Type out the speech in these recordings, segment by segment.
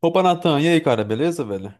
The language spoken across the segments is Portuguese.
Opa, Natan, e aí, cara, beleza, velho?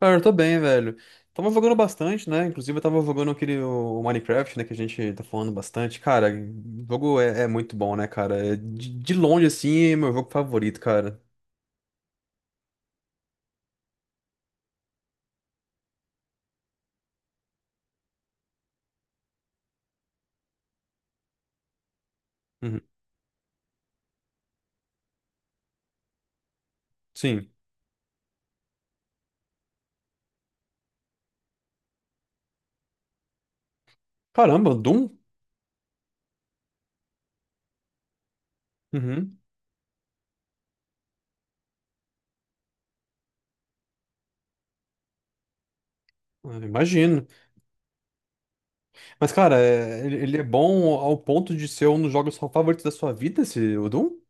Cara, eu tô bem, velho. Tava jogando bastante, né? Inclusive, eu tava jogando aquele o Minecraft, né? Que a gente tá falando bastante. Cara, o jogo é muito bom, né, cara? É de longe, assim, é meu jogo favorito, cara. Uhum. Sim. Caramba, Doom? Uhum. Eu imagino. Mas, cara, ele é bom ao ponto de ser um dos jogos favoritos da sua vida, esse, o Doom?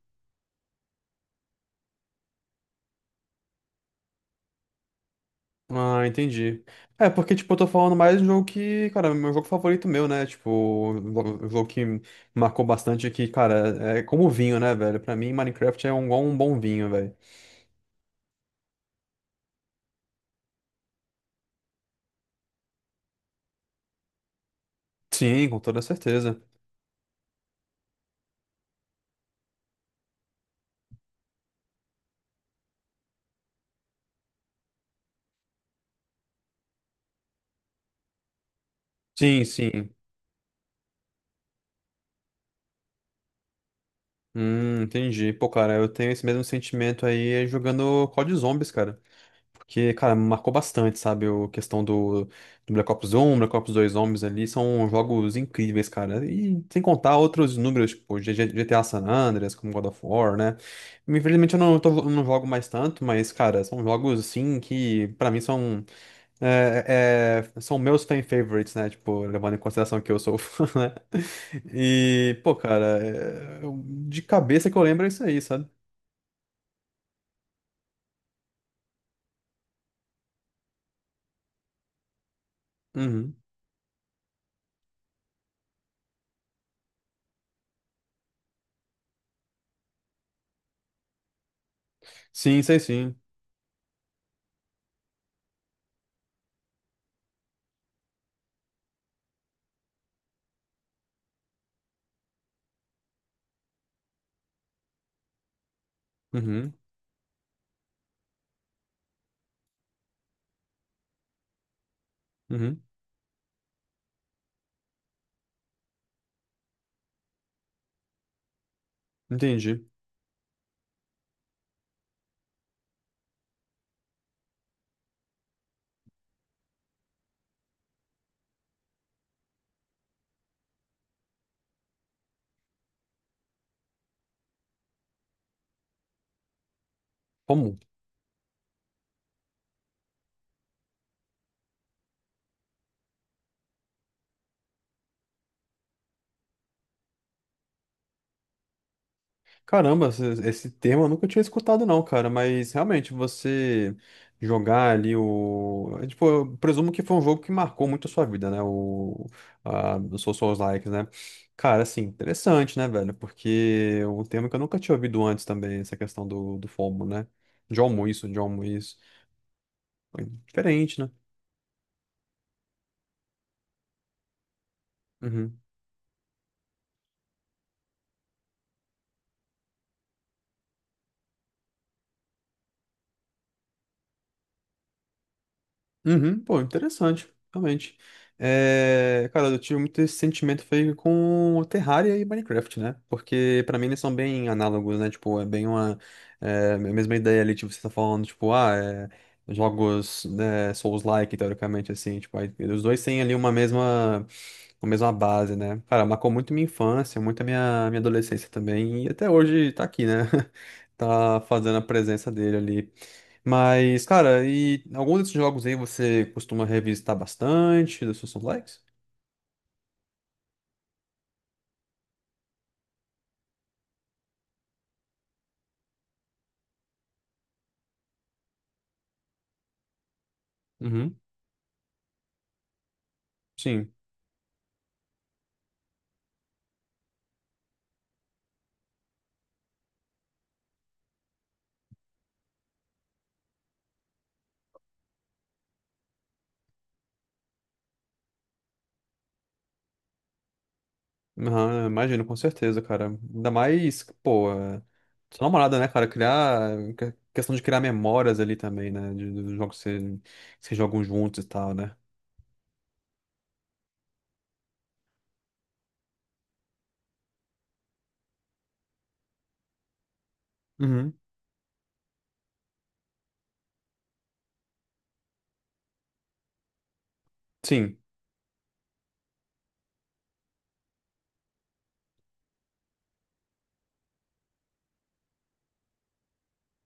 Ah, entendi. É, porque, tipo, eu tô falando mais de um jogo que, cara, é meu jogo favorito meu, né? Tipo, um jogo que marcou bastante aqui, cara, é como vinho, né, velho? Pra mim, Minecraft é um, igual um bom vinho, velho. Sim, com toda certeza. Sim, sim. Entendi. Pô, cara, eu tenho esse mesmo sentimento aí jogando COD Zombies, cara. Porque, cara, marcou bastante, sabe? A questão do Black Ops 1 Black Ops 2 Zombies ali são jogos incríveis, cara. E sem contar outros números, tipo GTA San Andreas, como God of War, né? Infelizmente eu não, não jogo mais tanto, mas, cara, são jogos, assim, que pra mim são meus fan favorites, né? Tipo, levando em consideração que eu sou fã, né? E, pô, cara, de cabeça que eu lembro é isso aí, sabe? Uhum. Sim, sei sim. Uhum, uhum. Entendi. Como? Caramba, esse termo eu nunca tinha escutado não, cara, mas realmente você jogar ali tipo, eu presumo que foi um jogo que marcou muito a sua vida, né? O Souls-like, né? Cara, assim, interessante, né, velho? Porque é um termo que eu nunca tinha ouvido antes também, essa questão do FOMO, né? Jomo isso, Jomo isso. Foi diferente, né? Uhum. Uhum, pô, interessante, realmente. É, cara, eu tive muito esse sentimento feio com o Terraria e Minecraft, né? Porque pra mim eles são bem análogos, né? Tipo, é bem a mesma ideia ali, tipo, você tá falando, tipo, ah, jogos né, Souls-like, teoricamente, assim, tipo, aí, os dois têm ali uma mesma com a mesma base, né? Cara, marcou muito minha infância, muito a minha adolescência também, e até hoje tá aqui, né? Tá fazendo a presença dele ali. Mas, cara, e algum desses jogos aí você costuma revisitar bastante dos seus likes? Uhum. Sim. Aham, imagino, com certeza, cara. Ainda mais, pô, sua namorada, né, cara? Questão de criar memórias ali também, né? De, dos jogos que que vocês jogam juntos e tal, né? Uhum. Sim.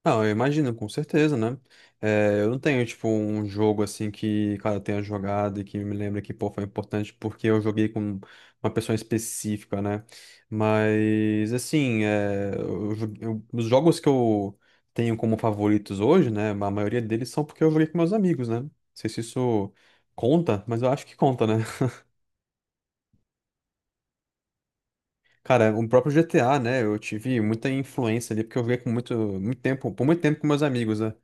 Não, eu imagino, com certeza, né? Eu não tenho, tipo, um jogo assim que, cara, eu tenha jogado e que me lembra que, pô, foi importante porque eu joguei com uma pessoa específica, né? Mas, assim, os jogos que eu tenho como favoritos hoje, né? A maioria deles são porque eu joguei com meus amigos, né? Não sei se isso conta, mas eu acho que conta, né? Cara, o próprio GTA, né? Eu tive muita influência ali porque eu joguei com muito, muito tempo, por muito tempo com meus amigos, né?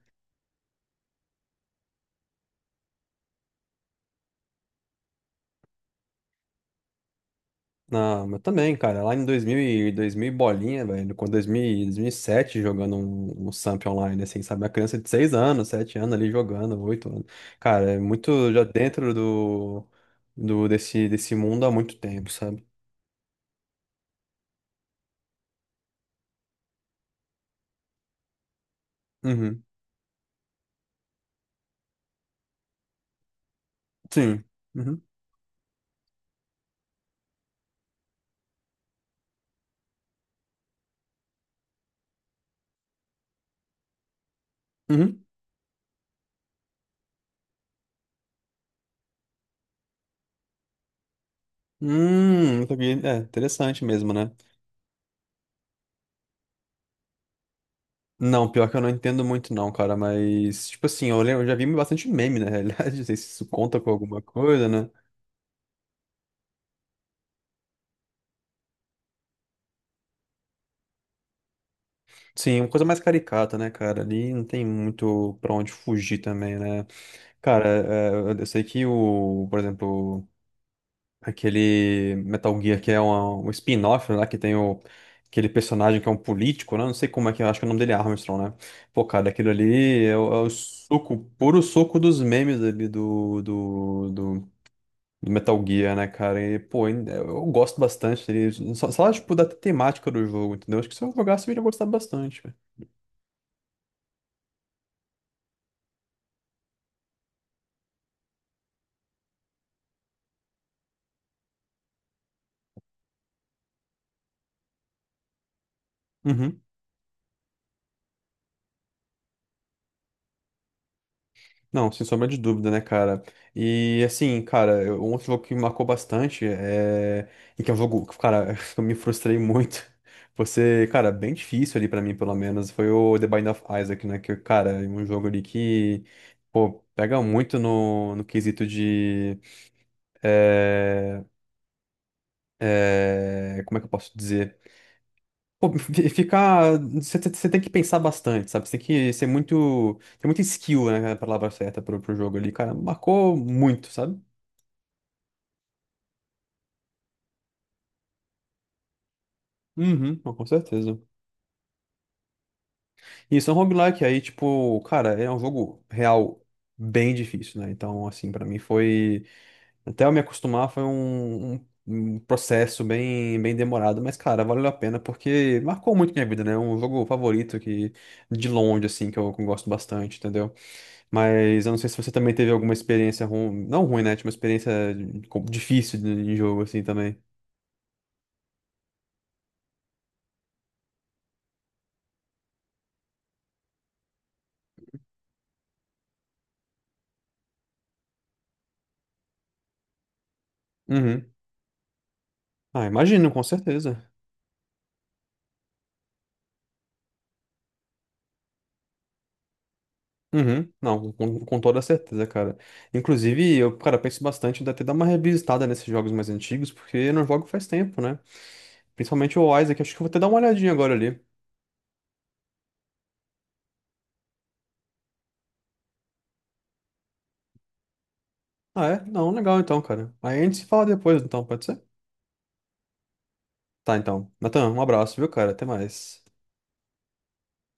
Não, mas também, cara, lá em 2000 e 2000 e bolinha, velho, com 2000, e 2007 jogando um Samp online, assim, sabe? Uma criança de 6 anos, 7 anos ali jogando, 8 anos. Cara, é muito já dentro desse mundo há muito tempo, sabe? Uhum. Sim. Uhum. Uhum. Não sabia. É interessante mesmo, né? Não, pior que eu não entendo muito não, cara, mas, tipo assim, eu já vi bastante meme, na realidade, não sei se isso conta com alguma coisa, né. Sim, uma coisa mais caricata, né, cara? Ali não tem muito pra onde fugir também, né? Cara, eu sei que o, por exemplo, aquele Metal Gear que é um spin-off, né? Que tem aquele personagem que é um político, né? Não sei como é que é, acho que o nome dele é Armstrong, né? Pô, cara, aquilo ali é o suco, puro suco dos memes ali do Metal Gear, né, cara? E, pô, eu gosto bastante dele. Só, tipo, da temática do jogo, entendeu? Acho que se eu jogasse, eu iria gostar bastante, velho. Não, sem sombra de dúvida, né, cara? E assim, cara, um outro jogo que me marcou bastante é. E que é um jogo, que, cara, eu me frustrei muito. Você, cara, bem difícil ali pra mim, pelo menos, foi o The Binding of Isaac, né? Que, cara, é um jogo ali que, pô, pega muito no quesito de. é, Como é que eu posso dizer? Pô, ficar. Você tem que pensar bastante, sabe? Você tem que ser muito. Tem muita skill, né? A palavra certa pro jogo ali, cara. Marcou muito, sabe? Uhum, pô, com certeza. E isso é um roguelike, aí, tipo, cara, é um jogo real bem difícil, né? Então, assim, pra mim foi. Até eu me acostumar foi um processo bem, bem demorado, mas, cara, valeu a pena porque marcou muito minha vida, né? É um jogo favorito que, de longe, assim, que eu gosto bastante, entendeu? Mas eu não sei se você também teve alguma experiência ruim, não ruim, né? Tipo, uma experiência difícil de jogo, assim, também. Uhum. Ah, imagino, com certeza. Uhum, não, com toda certeza, cara. Inclusive, eu, cara, penso bastante em até dar uma revisitada nesses jogos mais antigos, porque eu não jogo faz tempo, né? Principalmente o Isaac, acho que eu vou até dar uma olhadinha agora ali. Ah, é? Não, legal então, cara. Aí a gente se fala depois, então, pode ser? Tá, então. Natan, um abraço, viu, cara? Até mais.